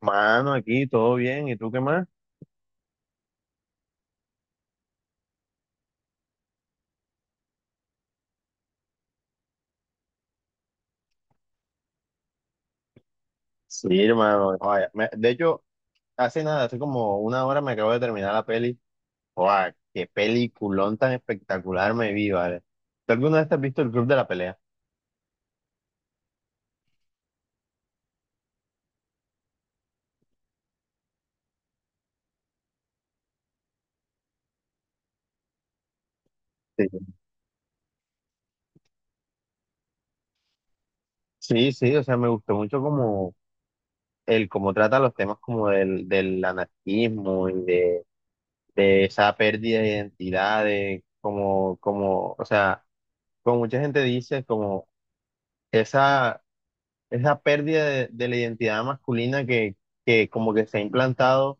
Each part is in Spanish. Mano, aquí todo bien, ¿y tú qué más? Sí, hermano, vaya, de hecho, hace nada, hace como una hora me acabo de terminar la peli. ¡Guau! ¡Qué peliculón tan espectacular me vi, ¿vale?! ¿Tú alguna vez te has visto el Club de la Pelea? Sí. Sí, sí, o sea, me gustó mucho como el cómo trata los temas como del anarquismo y de esa pérdida de identidad, de como, o sea, como mucha gente dice, como esa esa pérdida de la identidad masculina que como que se ha implantado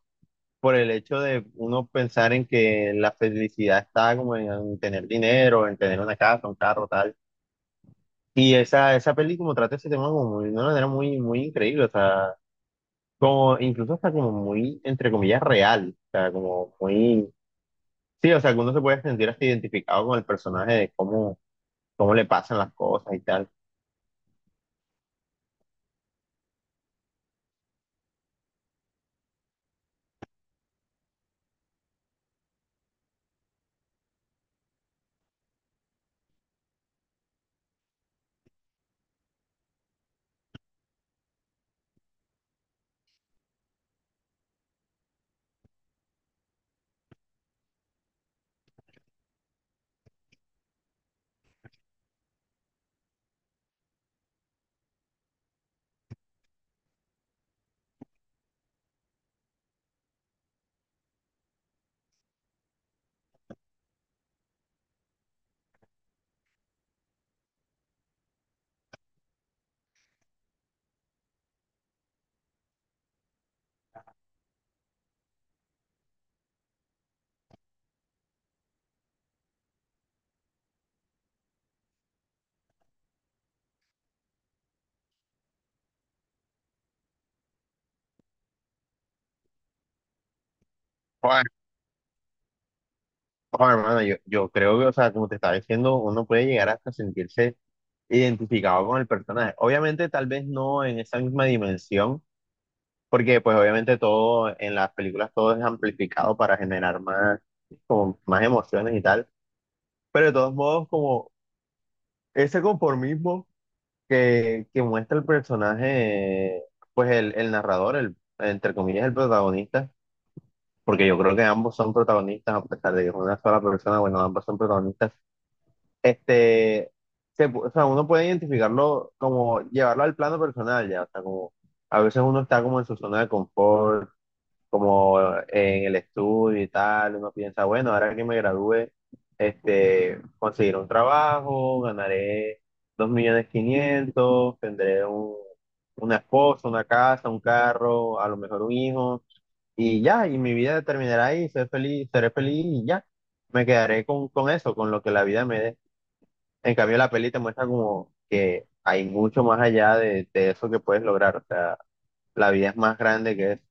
por el hecho de uno pensar en que la felicidad está como en tener dinero, en tener una casa, un carro, tal. Y esa peli como trata ese tema como de una manera muy, muy increíble, o sea, como incluso hasta como muy, entre comillas, real, o sea, como muy. Sí, o sea, que uno se puede sentir hasta identificado con el personaje de cómo, cómo le pasan las cosas y tal. Joder, oh, hermano, yo creo que, o sea, como te estaba diciendo, uno puede llegar hasta sentirse identificado con el personaje. Obviamente, tal vez no en esa misma dimensión, porque pues obviamente todo en las películas todo es amplificado para generar más, como, más emociones y tal, pero de todos modos como ese conformismo que muestra el personaje, pues el narrador, el, entre comillas, el protagonista, porque yo creo que ambos son protagonistas, a pesar de que es una sola persona. Bueno, ambos son protagonistas este, o sea, uno puede identificarlo como llevarlo al plano personal, ya, o sea, como a veces uno está como en su zona de confort, como en el estudio y tal, uno piensa, bueno, ahora que me gradúe, este, conseguiré un trabajo, ganaré dos millones quinientos, tendré una esposa, una casa, un carro, a lo mejor un hijo, y ya, y mi vida terminará ahí, seré feliz y ya, me quedaré con eso, con lo que la vida me dé. En cambio, la peli te muestra como que hay mucho más allá de eso que puedes lograr. O sea, la vida es más grande que eso.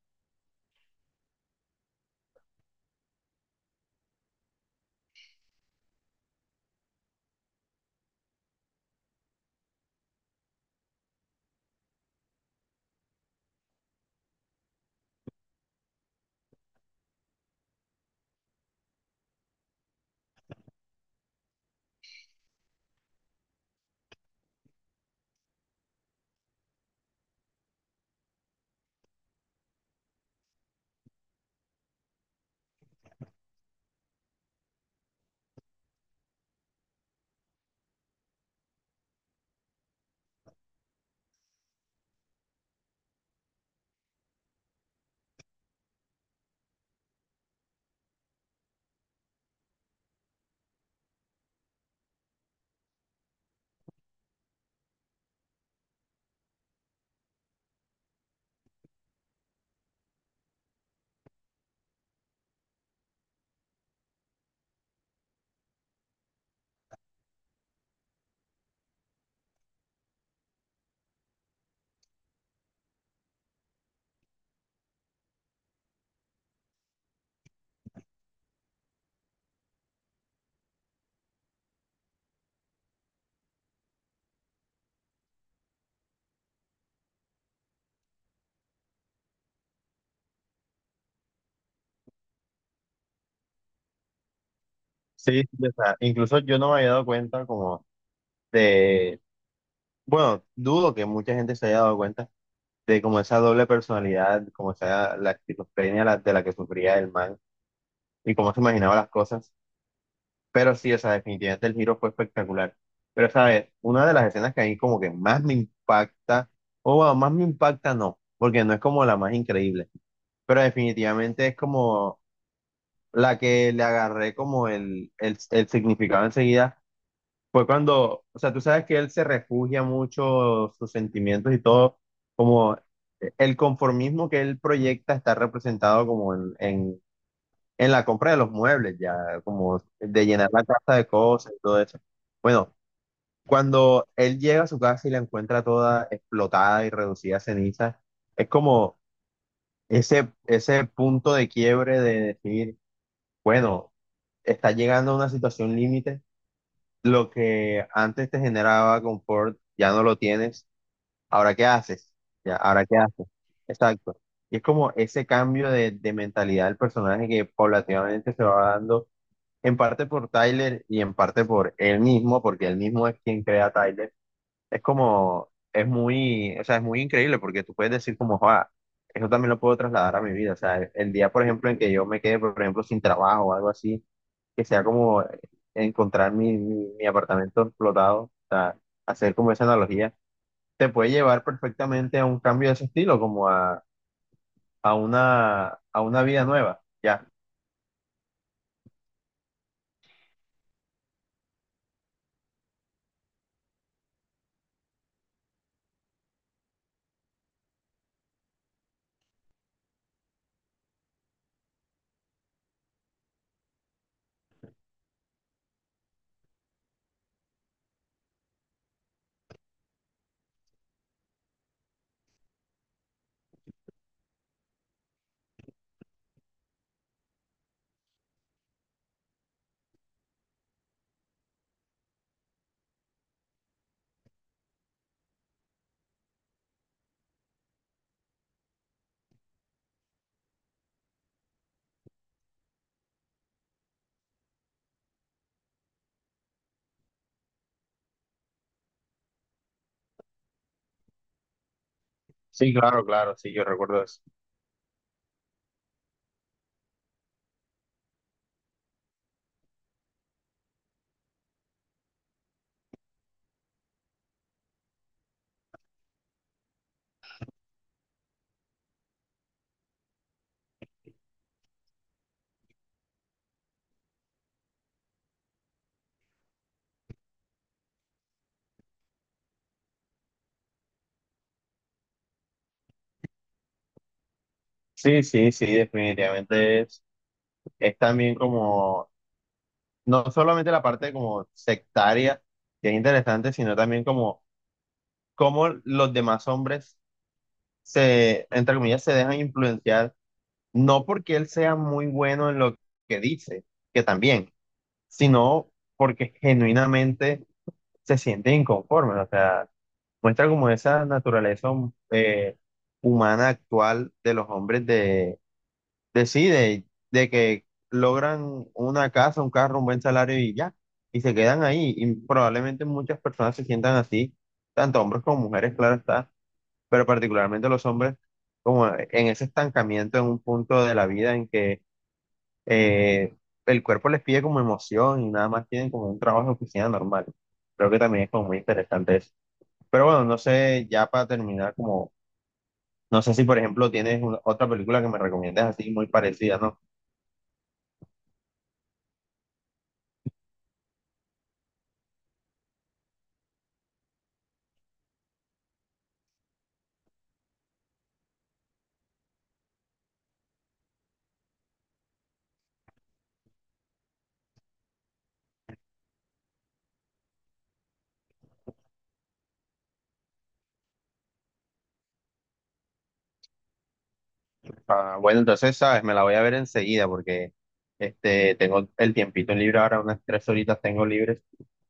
Sí, o sea, incluso yo no me había dado cuenta como de, bueno, dudo que mucha gente se haya dado cuenta de como esa doble personalidad, como esa la esquizofrenia de la que sufría el man y cómo se imaginaba las cosas. Pero sí, o sea, definitivamente el giro fue espectacular. Pero, ¿sabes? Una de las escenas que a mí como que más me impacta, o bueno, más me impacta no, porque no es como la más increíble, pero definitivamente es como la que le agarré como el significado enseguida. Fue cuando, o sea, tú sabes que él se refugia mucho sus sentimientos y todo, como el conformismo que él proyecta está representado como en la compra de los muebles, ya, como de llenar la casa de cosas y todo eso. Bueno, cuando él llega a su casa y la encuentra toda explotada y reducida a cenizas, es como ese punto de quiebre de decir: bueno, está llegando a una situación límite. Lo que antes te generaba confort, ya no lo tienes. Ahora, ¿qué haces? Ya, ¿ahora qué haces? Exacto. Y es como ese cambio de mentalidad del personaje que paulatinamente se va dando, en parte por Tyler y en parte por él mismo, porque él mismo es quien crea a Tyler. Es como, es muy, o sea, es muy increíble porque tú puedes decir como: "Joa, eso también lo puedo trasladar a mi vida. O sea, el día, por ejemplo, en que yo me quede, por ejemplo, sin trabajo o algo así que sea como encontrar mi apartamento explotado, o sea, hacer como esa analogía, te puede llevar perfectamente a un cambio de ese estilo, como a una vida nueva, ¿ya?" Sí, claro, claro, sí, yo recuerdo eso. Sí, sí, sí, definitivamente es también como, no solamente la parte como sectaria, que es interesante, sino también como cómo los demás hombres se, entre comillas, se dejan influenciar. No porque él sea muy bueno en lo que dice, que también, sino porque genuinamente se siente inconforme, o sea, muestra como esa naturaleza humana actual de los hombres de sí, de que logran una casa, un carro, un buen salario y ya, y se quedan ahí, y probablemente muchas personas se sientan así, tanto hombres como mujeres, claro está, pero particularmente los hombres, como en ese estancamiento en un punto de la vida en que eh, el cuerpo les pide como emoción y nada más tienen como un trabajo de oficina normal. Creo que también es como muy interesante eso. Pero bueno, no sé, ya para terminar, como, no sé si por ejemplo tienes otra película que me recomiendes así muy parecida, ¿no? Ah, bueno, entonces, sabes, me la voy a ver enseguida porque este, tengo el tiempito libre ahora, unas tres horitas tengo libres.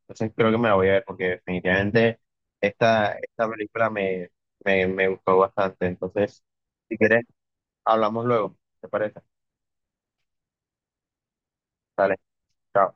Entonces creo que me la voy a ver porque definitivamente esta, esta película me gustó bastante. Entonces, si quieres, hablamos luego. ¿Te parece? Dale, chao.